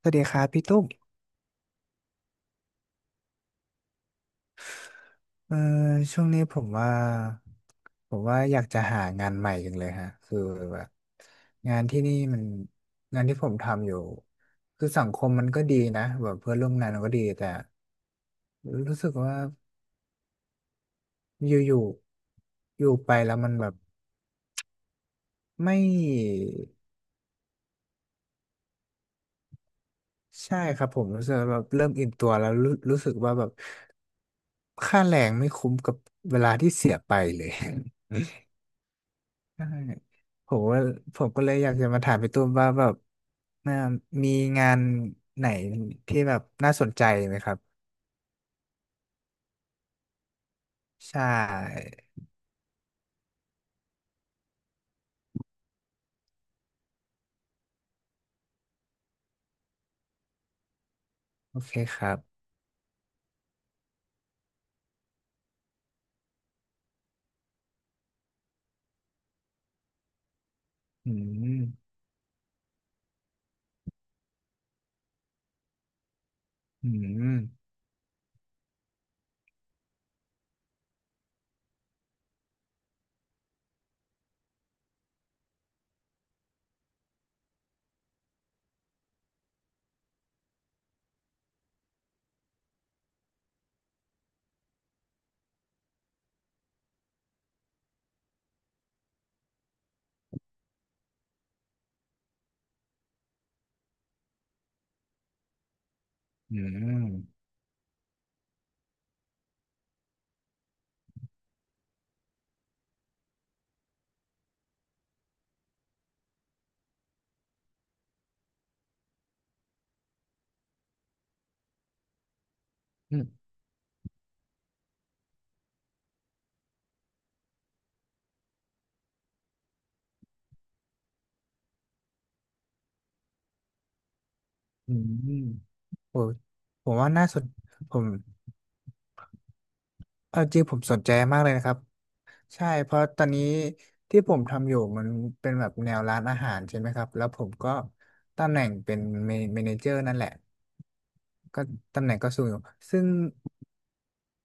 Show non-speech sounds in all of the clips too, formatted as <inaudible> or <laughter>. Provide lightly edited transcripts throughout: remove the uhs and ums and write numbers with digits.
สวัสดีครับพี่ตุ้มเอ่อช่วงนี้ผมว่าอยากจะหางานใหม่จังเลยฮะคือแบบงานที่นี่มันงานที่ผมทำอยู่คือสังคมมันก็ดีนะแบบเพื่อนร่วมงานมันก็ดีแต่รู้สึกว่าอยู่ๆอยู่ไปแล้วมันแบบไม่ใช่ครับผมรู้สึกว่าแบบเริ่มอิ่มตัวแล้วรู้สึกว่าแบบค่าแรงไม่คุ้มกับเวลาที่เสียไปเลย ใช่ผมว่าผมก็เลยอยากจะมาถามพี่ตุ้มว่าแบบเอ่อมีงานไหนที่แบบน่าสนใจไหมครับใช่โอเคครับอืมอืมอืมอืมอืมโอ้ผมว่าน่าสนผมเอาจริงผมสนใจมากเลยนะครับใช่เพราะตอนนี้ที่ผมทำอยู่มันเป็นแบบแนวร้านอาหารใช่ไหมครับแล้วผมก็ตำแหน่งเป็นเมเนเจอร์นั่นแหละ ก็ตำแหน่งก็สูงอยู่ซึ่ง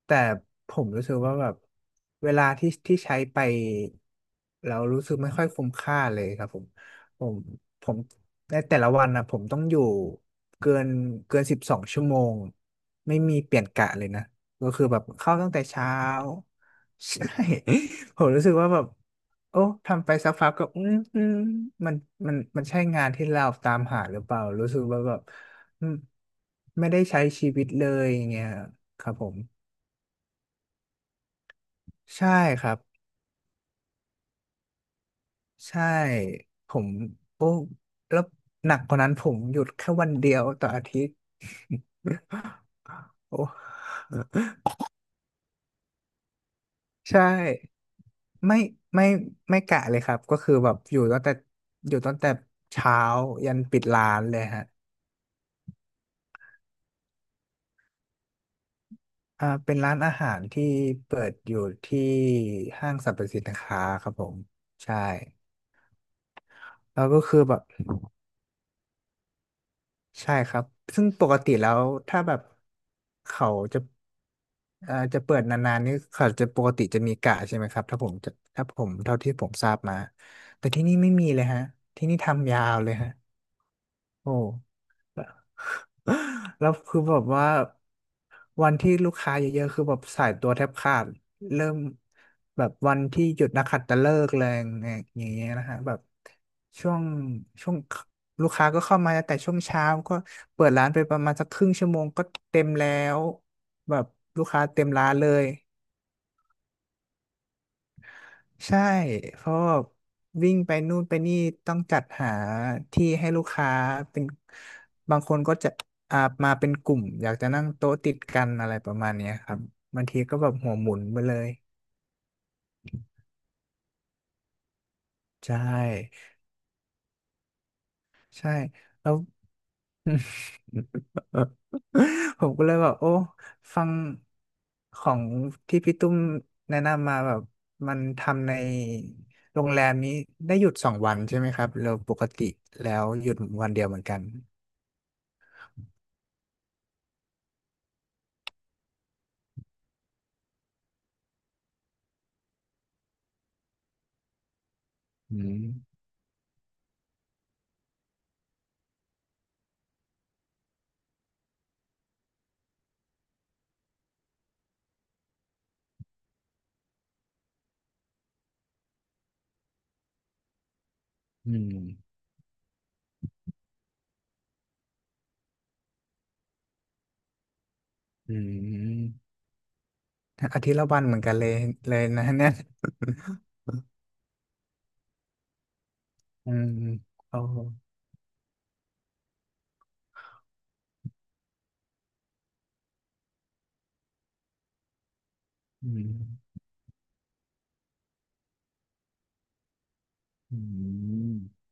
แต่ผมรู้สึกว่าแบบเวลาที่ใช้ไปเรารู้สึกไม่ค่อยคุ้มค่าเลยครับผมผมผมในแต่ละวันนะผมต้องอยู่เกินเกิน12 ชั่วโมงไม่มีเปลี่ยนกะเลยนะก็คือแบบเข้าตั้งแต่เช้า <laughs> ใช่ <laughs> ผมรู้สึกว่าแบบโอ้ทำไปสักพักก็อืมอืมมันมันใช่งานที่เราตามหาหรือเปล่ารู้สึกว่าแบบ อืมไม่ได้ใช้ชีวิตเลยอย่างเงี้ยครับผมใช่ครับใช่ผมโอ้แล้วหนักกว่านั้นผมหยุดแค่วันเดียวต่ออาทิตย์ <laughs> โอ้ใช่ไม่ไม่ไม่กะเลยครับก็คือแบบอยู่ตั้งแต่อยู่ตั้งแต่เช้ายันปิดร้านเลยฮะเป็นร้านอาหารที่เปิดอยู่ที่ห้างสรรพสินค้าครับผมใช่แล้วก็คือแบบ ใช่ครับ ซึ่งปกติแล้วถ้าแบบเขาจะจะเปิดนานๆนี่เขาจะปกติจะมีกะใช่ไหมครับถ้าผมเท่าที่ผมทราบมาแต่ที่นี่ไม่มีเลยฮะที่นี่ทำยาวเลยฮะโอ้ <laughs> แล้วคือแบบว่าวันที่ลูกค้าเยอะๆคือแบบสายตัวแทบขาดเริ่มแบบวันที่หยุดนักขัตฤกษ์แรงอย่างเงี้ยนะฮะแบบช่วงช่วงลูกค้าก็เข้ามาแต่ช่วงเช้าก็เปิดร้านไปประมาณสักครึ่งชั่วโมงก็เต็มแล้วแบบลูกค้าเต็มร้านเลย ใช่ เพราะว่าวิ่งไปนู่นไปนี่ต้องจัดหาที่ให้ลูกค้าเป็นบางคนก็จะอ่ามาเป็นกลุ่มอยากจะนั่งโต๊ะติดกันอะไรประมาณเนี้ยครับบางทีก็แบบหัวหมุนไปเลยใช่ใช่แล้ว <laughs> ผมก็เลยแบบโอ้ฟังของที่พี่ตุ้มแนะนำมาแบบมันทำในโรงแรมนี้ได้หยุด2 วันใช่ไหมครับเราปกติแล้วหยุดวันเดียวเหมือนกัน อืมอืมอืมอาทิตย์ละวันเหมือนกันเลยเลยนะเนี่ยอืมโอ้อืมอืม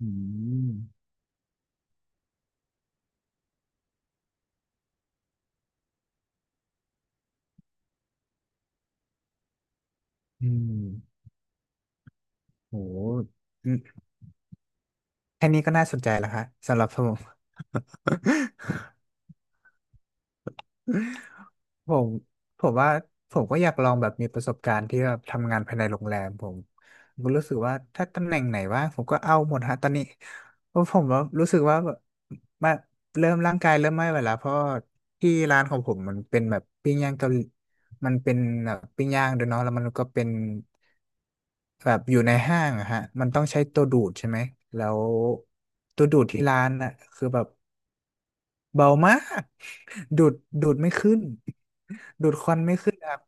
อืมอืมโหอืมแค่นี้ก็น่าสนใจแล้วค่ะสำหรับผม ผมผมว่าผมก็อยากลองแบบมีประสบการณ์ที่แบบทำงานภายในโรงแรมผมก็รู้สึกว่าถ้าตำแหน่งไหนว่างผมก็เอาหมดฮะตอนนี้เพราะผมว่ารู้สึกว่าแบบมาเริ่มร่างกายเริ่มไม่ไหวแล้วเพราะที่ร้านของผมมันเป็นแบบปิ้งย่างเกาหลีมันเป็นแบบปิ้งย่างด้วยเนาะแล้วมันก็เป็นแบบอยู่ในห้างอะฮะมันต้องใช้ตัวดูดใช่ไหมแล้วตัวดูดที่ร้านอ่ะคือแบบ เบามากดูดดูดไม่ขึ้นดูดควันไม่ขึ้นครับ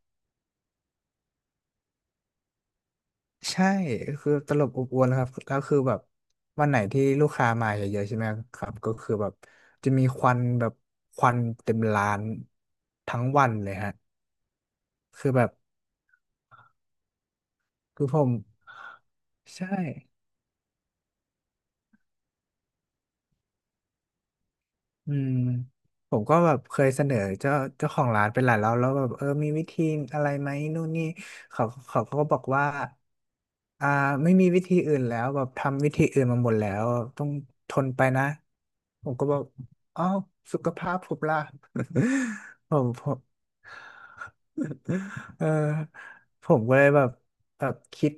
ใช่คือตลบอบอวนแลวครับแล้วคือแบบวันไหนที่ลูกค้ามาเยอะๆใช่ไหมครับก็คือแบบจะมีควันแบบควันเต็มร้านทั้งวันเลยฮะคือแบบคือผมใช่อืมผมก็แบบเคยเสนอเจ้าของร้านไปหลายรอบแล้วแบบเออมีวิธีอะไรไหมนู่นนี่เขาก็บอกว่า อ่าไม่มีวิธีอื่นแล้วแบบทำวิธีอื่นมาหมดแล้วต้องทนไปนะผมก็บอกอ้าวสุขภาพผมล่ะ <laughs> ผมเออผมก็เลยแบบคิด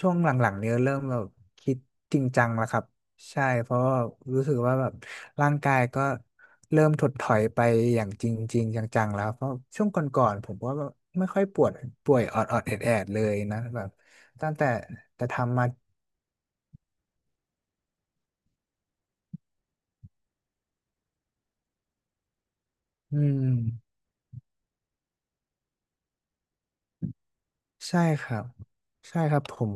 ช่วงหลังๆเนี้ยเริ่มแบบคิดจริงจังแล้วครับใช่เพราะว่ารู้สึกว่าแบบร่างกายก็เริ่มถดถอยไปอย่างจริงจริงจังๆแล้วเพราะช่วงก่อนๆผมก็ไม่ค่อยปวดป่วยออดๆแอดๆเลยนะแบบตั้งแต่ทำมา อืมใช่ครับใช่ครับผม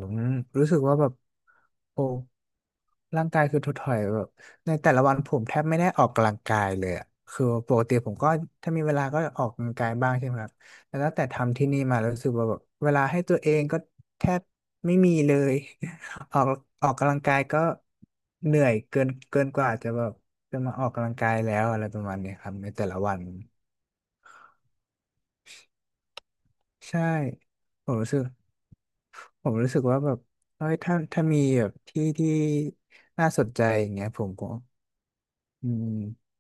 รู้สึกว่าแบบโอ้ร่างกายคือถดถอยแบบในแต่ละวันผมแทบไม่ได้ออกกำลังกายเลยอะคือปกติผมก็ถ้ามีเวลาก็ออกกำลังกายบ้างใช่ไหมครับแต่ตั้งแต่ทำที่นี่มารู้สึกว่าแบบเวลาให้ตัวเองก็แทบไม่มีเลย <laughs> ออกกำลังกายก็เหนื่อยเกินกว่าจะแบบจะมาออกกำลังกายแล้วอะไรประมาณนี้ครับในแต่ละวันใช่ผมรู้สึก รู้สึกว่าแบบเอ้ยถ้ามีแบบที่น่าสนใจอย่างเงี้ยผมก็อืม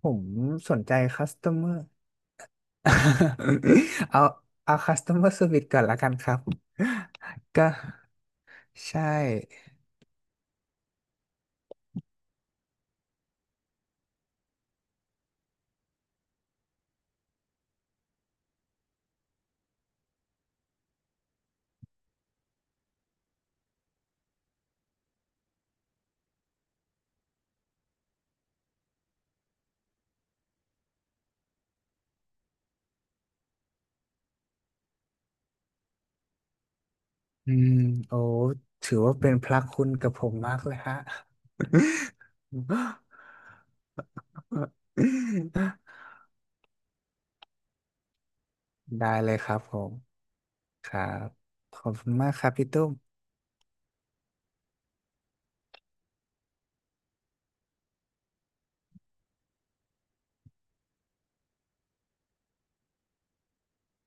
ผมสนใจคัส t ต m อร์ <laughs> เอาเอาคัส t ต m อร์ e r วิ e ก่อนละกันครับก็ใช่อืมโอ้ถือว่าเป็นพระคุณกับผมมากเลยฮะ <laughs> ได้เลยครับผมครับขอบคุณมากครับพี่ตุ้ม